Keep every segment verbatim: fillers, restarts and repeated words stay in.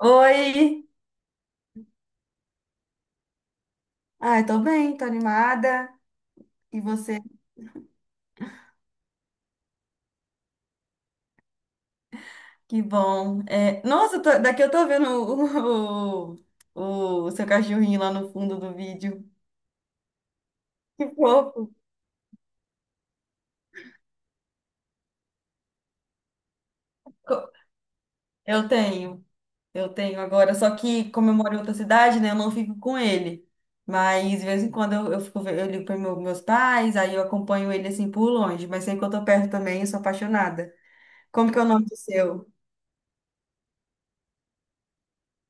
Oi! Ai, tô bem, tô animada. E você? Que bom. É, nossa, eu tô- daqui eu tô vendo o, o, o seu cachorrinho lá no fundo do vídeo. Que fofo! Co- Eu tenho, eu tenho agora. Só que, como eu moro em outra cidade, né, eu não fico com ele. Mas, de vez em quando, eu, eu, fico, ve- eu ligo para meus pais, aí eu acompanho ele assim por longe. Mas sempre que eu tô perto também, eu sou apaixonada. Como que é o nome do seu?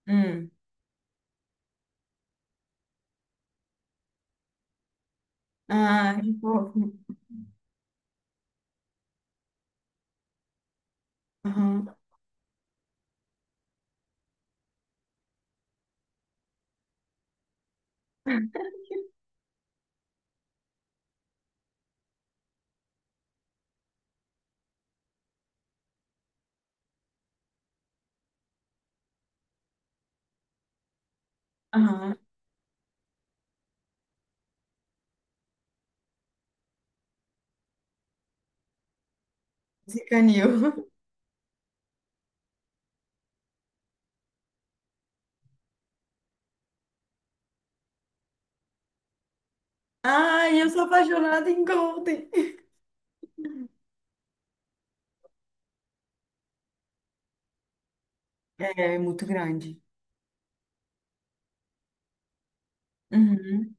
Hum. Ah, que fofo. Aham, aham. Zicanil. Ai, eu sou apaixonada em Golden. É, é muito grande. Uhum.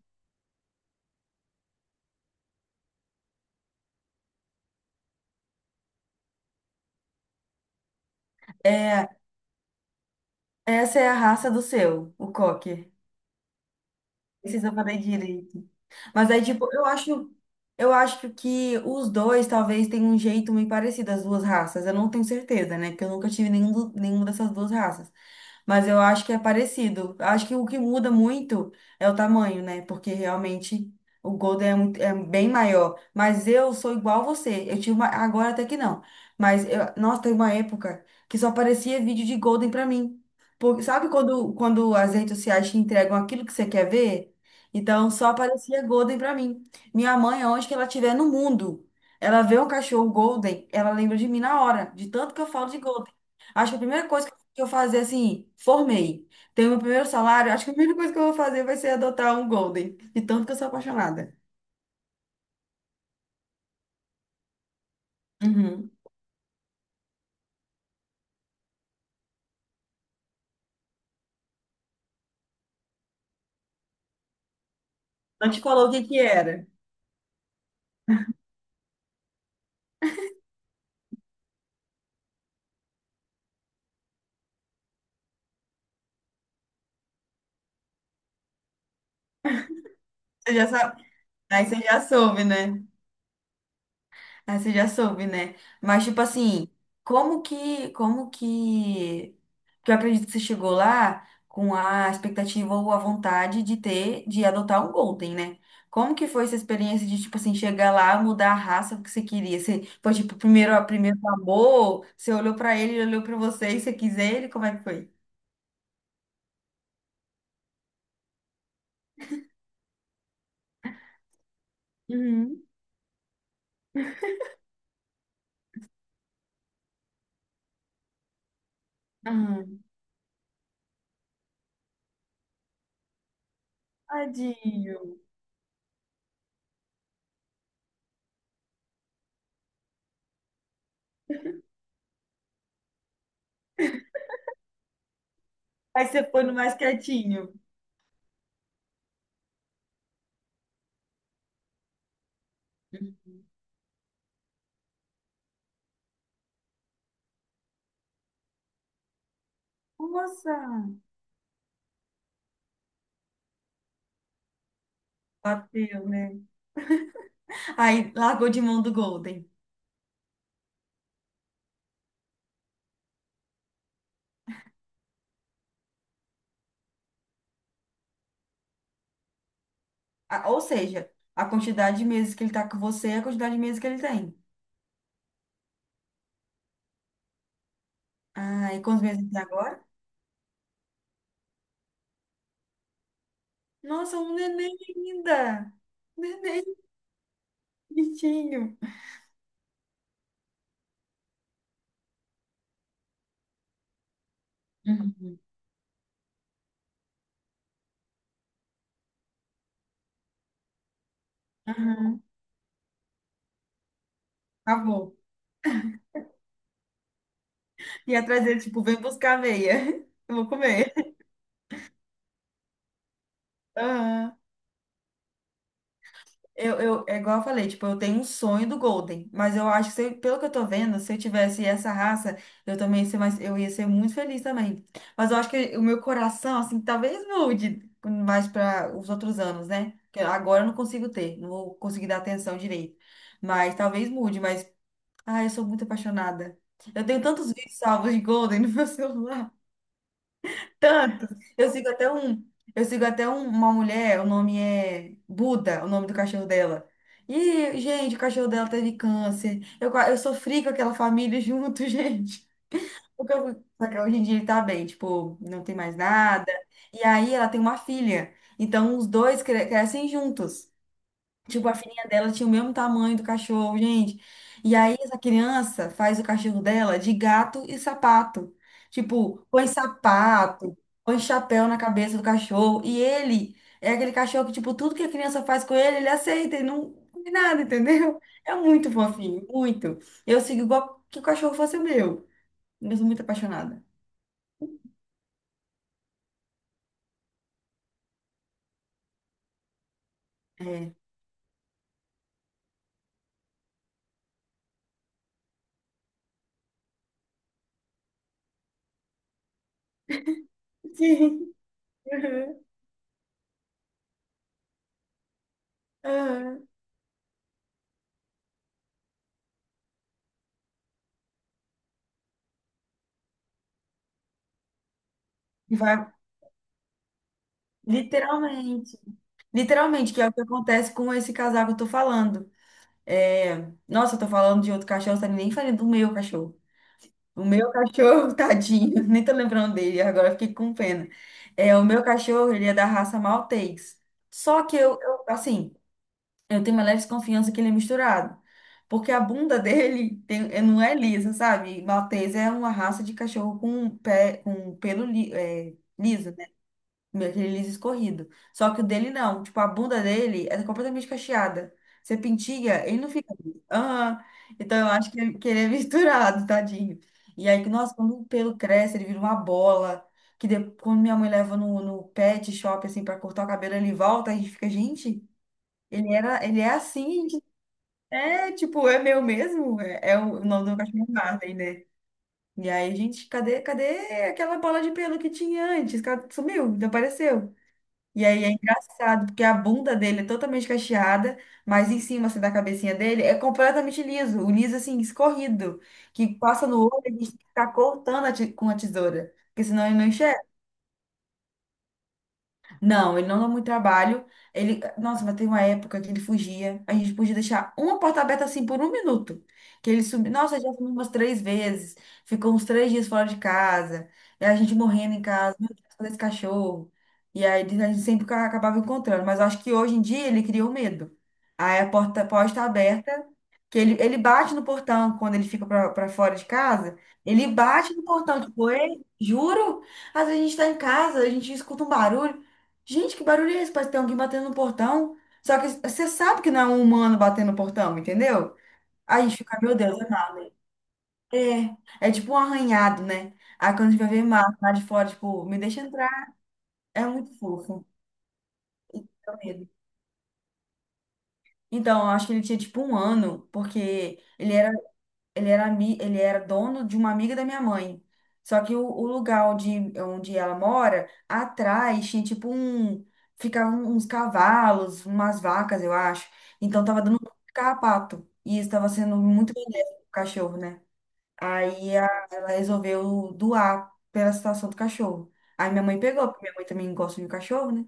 É, essa é a raça do seu, o Cocker. Não sei se eu falei direito. Mas aí, tipo, eu acho, eu acho que os dois talvez tenham um jeito meio parecido, as duas raças. Eu não tenho certeza, né? Porque eu nunca tive nenhum, do- nenhuma dessas duas raças. Mas eu acho que é parecido. Eu acho que o que muda muito é o tamanho, né? Porque realmente o Golden é, muito- é bem maior. Mas eu sou igual a você. Eu tive uma. Agora até que não. Mas eu, nossa, teve uma época que só aparecia vídeo de Golden pra mim. Por- sabe quando, quando as redes sociais te entregam aquilo que você quer ver? Então só aparecia Golden pra mim. Minha mãe, aonde que ela estiver no mundo, ela vê um cachorro Golden, ela lembra de mim na hora, de tanto que eu falo de Golden. Acho que a primeira coisa que eu vou fazer assim, formei, tenho meu primeiro salário, acho que a primeira coisa que eu vou fazer vai ser adotar um Golden, de tanto que eu sou apaixonada. Uhum. Não te falou o que que era. Você já sabe. Aí você já soube, né? Ah, você já soube, né? Mas, tipo assim, como que, como que, que eu acredito que você chegou lá com a expectativa ou a vontade de ter, de adotar um Golden, né? Como que foi essa experiência de, tipo assim, chegar lá, mudar a raça que você queria? Você foi, tipo, primeiro, primeiro amor, você olhou pra ele, ele olhou pra você e você quis ele? Como é que foi? Uhum. Aham. Tadinho. Aí você foi no mais quietinho. Nossa, bateu, né? Aí largou de mão do Golden. A- Ou seja, a quantidade de meses que ele tá com você é a quantidade de meses que ele tem. Ah, e quantos meses ele tem agora? Nossa, um neném ainda! Neném, bichinho. Uhum. Uhum. Tá bom. E atrás dele, tipo, vem buscar a meia. Eu vou comer. Aham. Eu, eu, é igual eu falei, tipo, eu tenho um sonho do Golden, mas eu acho que, se eu- pelo que eu tô vendo, se eu tivesse essa raça, eu também ia ser mais, eu ia ser muito feliz também. Mas eu acho que o meu coração, assim, talvez mude mais para os outros anos, né? Que agora eu não consigo ter, não vou conseguir dar atenção direito. Mas talvez mude, mas, ai, eu sou muito apaixonada. Eu tenho tantos vídeos salvos de Golden no meu celular. Tanto. Eu sigo até um, eu sigo até um- uma mulher, o nome é Buda, o nome do cachorro dela. E, gente, o cachorro dela teve câncer. Eu, qua- eu sofri com aquela família junto, gente. Porque eu, só que hoje em dia ele tá bem, tipo, não tem mais nada. E aí ela tem uma filha. Então os dois cre- crescem juntos. Tipo, a filhinha dela tinha o mesmo tamanho do cachorro, gente. E aí, essa criança faz o cachorro dela de gato e sapato. Tipo, põe sapato, põe chapéu na cabeça do cachorro. E ele é aquele cachorro que, tipo, tudo que a criança faz com ele, ele aceita e não faz nada, entendeu? É muito fofinho, muito. Eu sigo igual que o cachorro fosse o meu. Eu sou muito apaixonada. É. Sim. Uhum. Uhum. E vai, literalmente. Literalmente, que é o que acontece com esse casal que eu tô falando. É, nossa, eu tô falando de outro cachorro, tá nem falando do meu cachorro. O meu cachorro, tadinho, nem tô lembrando dele, agora eu fiquei com pena. É, o meu cachorro, ele é da raça Maltês. Só que eu, eu, assim, eu tenho uma leve desconfiança que ele é misturado. Porque a bunda dele tem- é- não é lisa, sabe? Maltês é uma raça de cachorro com pé, com pelo li, é, liso. Meu, aquele liso escorrido. Só que o dele não. Tipo, a bunda dele é completamente cacheada. Você pintiga, ele não fica liso. Aham. Então eu acho que ele, que ele é misturado, tadinho. E aí, nossa, quando o pelo cresce, ele vira uma bola. Que de- quando minha mãe leva no, no pet shop, assim, pra cortar o cabelo, ele volta, a gente fica, gente, ele era, ele é assim. gente- É, tipo, é meu mesmo. É, é o, o nome do meu cachorro é Marley, né? E aí, gente, cadê, cadê aquela bola de pelo que tinha antes? Cadê- Sumiu, desapareceu. E aí é engraçado, porque a bunda dele é totalmente cacheada, mas em cima, assim, da cabecinha dele é completamente liso. O liso, assim, escorrido. Que passa no olho e a gente tem que ficar cortando a ti- com a tesoura. Porque senão ele não enxerga. Não, ele não dá muito trabalho. Ele, nossa, mas tem uma época que ele fugia. A gente podia deixar uma porta aberta assim por um minuto. Que ele subiu. Nossa, já subiu umas três vezes. Ficou uns três dias fora de casa. E a gente morrendo em casa. Meu Deus, cadê esse cachorro? E aí a gente sempre ca- acabava encontrando. Mas eu acho que hoje em dia ele criou medo. Aí a porta pode estar aberta. Que ele, ele bate no portão quando ele fica pra, pra fora de casa. Ele bate no portão, tipo, ei, juro? Às vezes a gente tá em casa, a gente escuta um barulho. Gente, que barulho é esse? Parece que tem alguém batendo no portão. Só que você sabe que não é um humano batendo no portão, entendeu? Aí a gente fica, meu Deus, é mal. É, é tipo um arranhado, né? Aí quando a gente vai ver Marco lá de fora, tipo, me deixa entrar. É muito fofo, tenho medo. Então, eu acho que ele tinha tipo um ano, porque ele era ele era, ami- ele era dono de uma amiga da minha mãe. Só que o, o lugar onde, onde ela mora, atrás tinha tipo um. Ficavam uns cavalos, umas vacas, eu acho. Então tava dando muito carrapato. E isso tava sendo muito benéfico pro cachorro, né? Aí a- ela resolveu doar pela situação do cachorro. Aí minha mãe pegou, porque minha mãe também gosta de cachorro, né?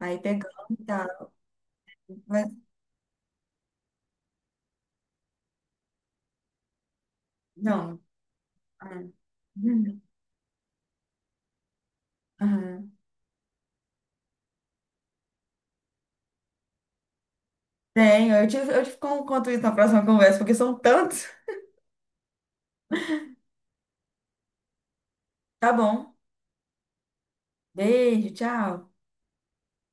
Aí pegamos e tá. Mas, não. Ah, hum, aham. Tenho, eu te, eu te conto isso na próxima conversa, porque são tantos. Tá bom. Beijo, tchau.